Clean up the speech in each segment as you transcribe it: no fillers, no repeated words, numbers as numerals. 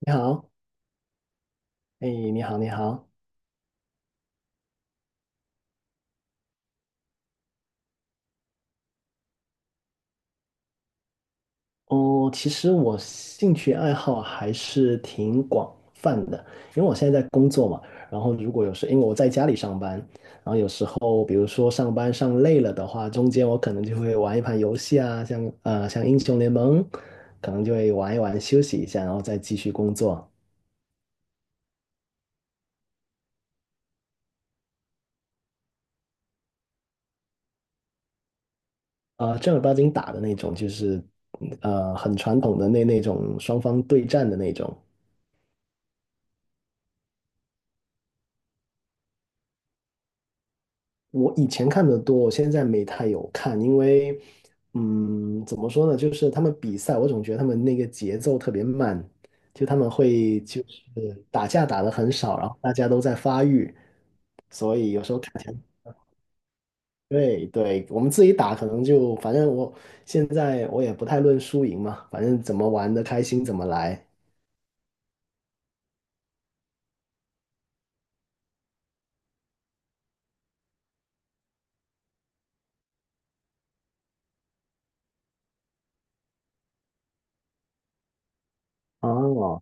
你好，哎，你好，你好。哦，其实我兴趣爱好还是挺广泛的，因为我现在在工作嘛。然后如果有时，因为我在家里上班，然后有时候，比如说上班上累了的话，中间我可能就会玩一盘游戏啊，像像英雄联盟，可能就会玩一玩休息一下，然后再继续工作。正儿八经打的那种，就是很传统的那种双方对战的那种。我以前看的多，我现在没太有看，因为，怎么说呢，就是他们比赛，我总觉得他们那个节奏特别慢，就他们会就是打架打的很少，然后大家都在发育，所以有时候看起来，对对，我们自己打可能就，反正我现在我也不太论输赢嘛，反正怎么玩的开心怎么来。哦，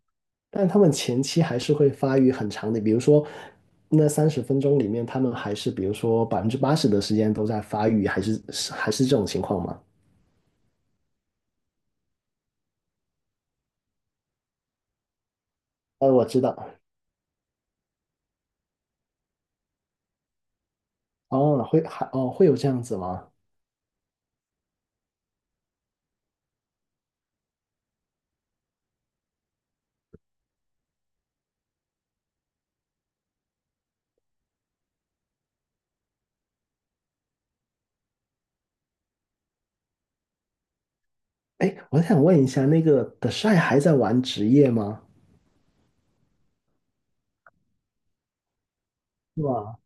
但他们前期还是会发育很长的，比如说那30分钟里面，他们还是比如说80%的时间都在发育，还是这种情况吗？我知道，哦，会还哦会有这样子吗？哎，我想问一下，那个 The Shy 还在玩职业吗？是吧？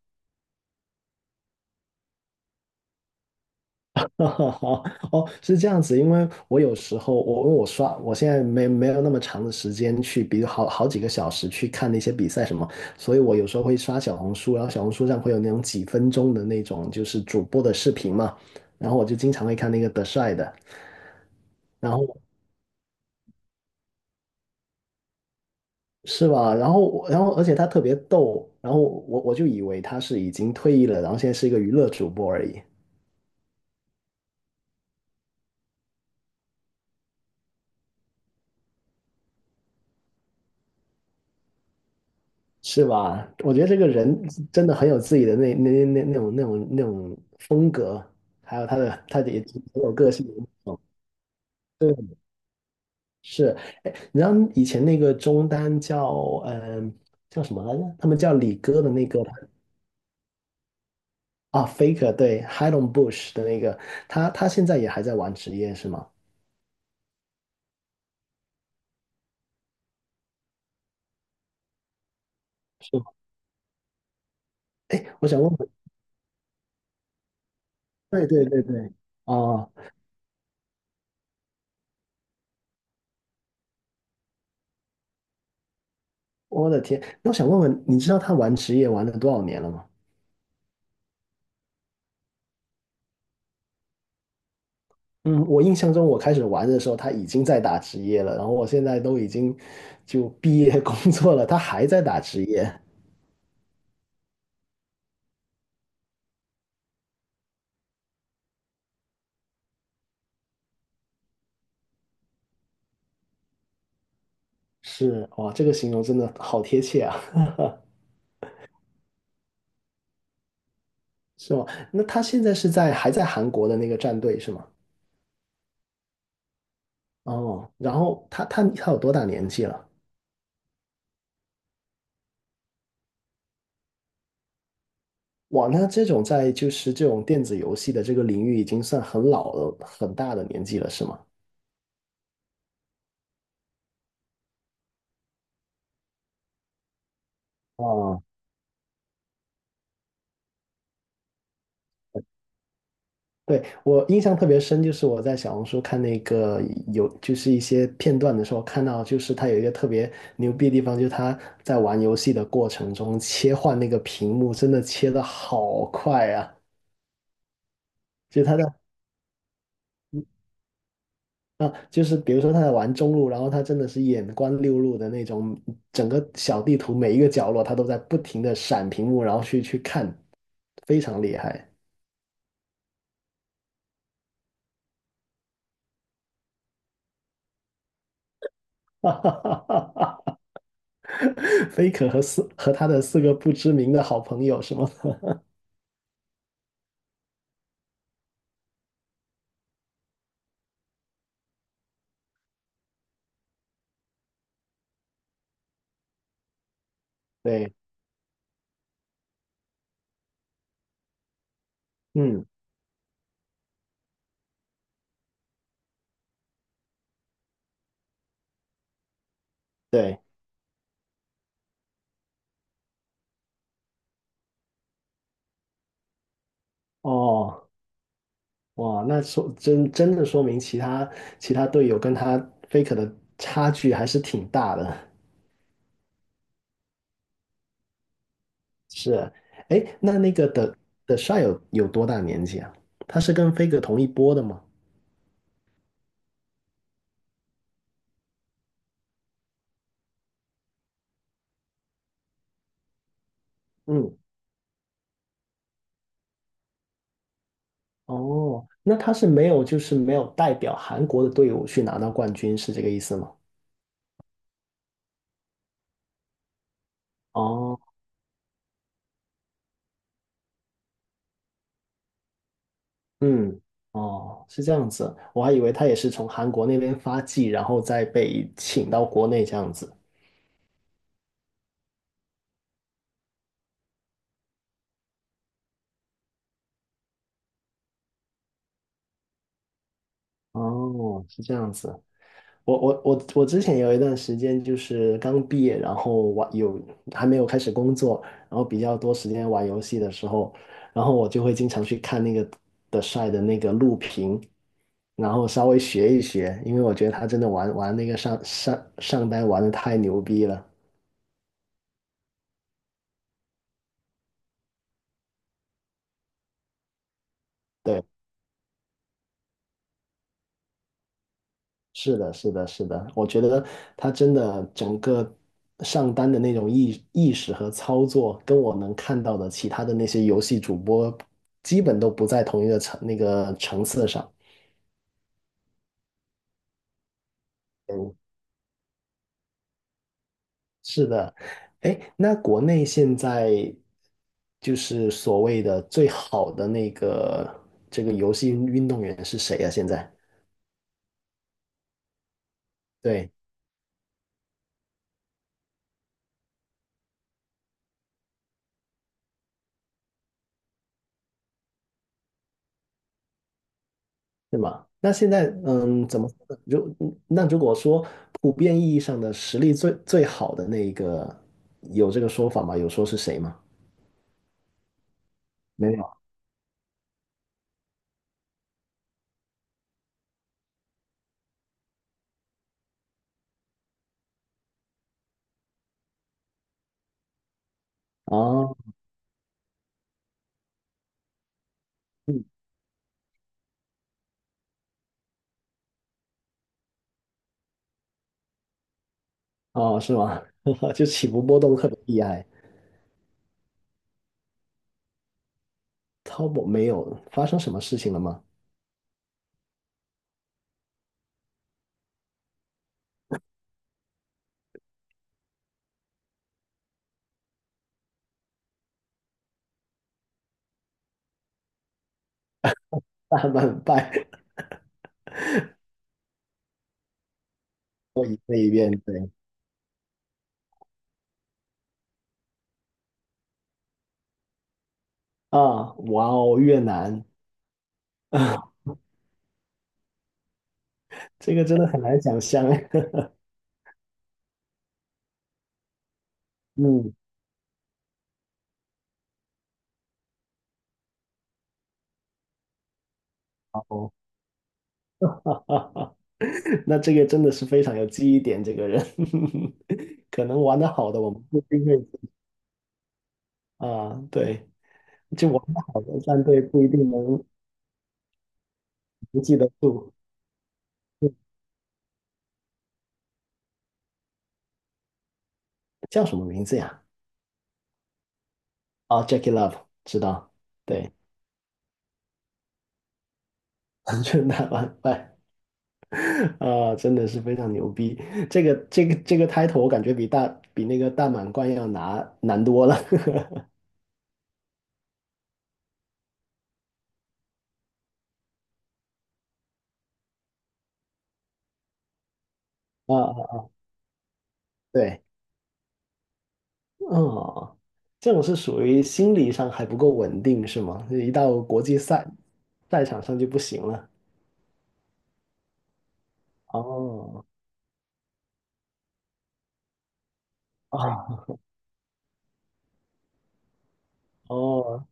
哈好哦，是这样子，因为我有时候我因为我刷，我现在没有那么长的时间去，比如好几个小时去看那些比赛什么，所以我有时候会刷小红书，然后小红书上会有那种几分钟的那种就是主播的视频嘛，然后我就经常会看那个德帅的，然后是吧？然后我然后而且他特别逗，然后我就以为他是已经退役了，然后现在是一个娱乐主播而已。是吧？我觉得这个人真的很有自己的那种风格，还有他的也挺有个性的那种。对，是。哎，你知道以前那个中单嗯、叫什么来着？他们叫李哥的那个啊，Faker 对 h i d o n Bush 的那个，他现在也还在玩职业是吗？是吗我想问问，对对对对，啊，我的天，那我想问问，你知道他玩职业玩了多少年了吗？嗯，我印象中我开始玩的时候，他已经在打职业了，然后我现在都已经就毕业 工作了，他还在打职业，是，哇，这个形容真的好贴切啊，是吗？那他现在还在韩国的那个战队是吗？哦，然后他有多大年纪了？哇，那这种在就是这种电子游戏的这个领域已经算很老了，很大的年纪了，是吗？哇，对，我印象特别深，就是我在小红书看那个有，就是一些片段的时候，看到就是他有一个特别牛逼的地方，就是他在玩游戏的过程中切换那个屏幕，真的切的好快啊！就他在就是比如说他在玩中路，然后他真的是眼观六路的那种，整个小地图每一个角落他都在不停的闪屏幕，然后去看，非常厉害。哈哈哈哈哈！菲可和他的四个不知名的好朋友是吗？对，嗯，对，哦，哇，那说真的说明其他队友跟他 Faker 的差距还是挺大的。是，哎，那个的帅有多大年纪啊？他是跟 Faker 同一波的吗？嗯，哦，那他是没有代表韩国的队伍去拿到冠军，是这个意思吗？哦，嗯，哦，是这样子，我还以为他也是从韩国那边发迹，然后再被请到国内这样子。哦，是这样子。我之前有一段时间就是刚毕业，然后还没有开始工作，然后比较多时间玩游戏的时候，然后我就会经常去看那个的帅的那个录屏，然后稍微学一学，因为我觉得他真的玩那个上单玩的太牛逼了。对。是的，是的，是的，我觉得他真的整个上单的那种意识和操作，跟我能看到的其他的那些游戏主播，基本都不在同一个层那个层次上。嗯，是的，哎，那国内现在就是所谓的最好的这个游戏运动员是谁啊？现在？对。对吗？那现在，嗯，怎么说呢？如嗯那如果说普遍意义上的实力最好的那一个，有这个说法吗？有说是谁吗？没有。啊哦，是吗？就起伏波动特别厉害。t a 没有发生什么事情了吗？大慢拜，我一遍一遍对啊，哇哦，越南啊，这个真的很难想象。嗯，哦，那这个真的是非常有记忆点，这个人 可能玩得好的，我们不一定会啊，对，就我们好的战队不一定能记得住，嗯叫什么名字呀？啊，Jackie Love，知道，对，就那完败啊，真的是非常牛逼。这个 title 我感觉比那个大满贯要拿难多了 啊，对，哦，这种是属于心理上还不够稳定是吗？一到国际赛赛场上就不行了。哦，啊，哦，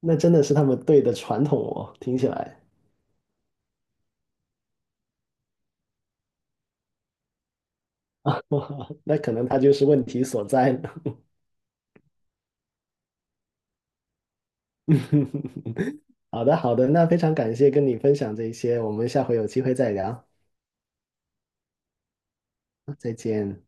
那真的是他们队的传统哦，听起来。那可能他就是问题所在呢。好的，好的，那非常感谢跟你分享这些，我们下回有机会再聊，再见。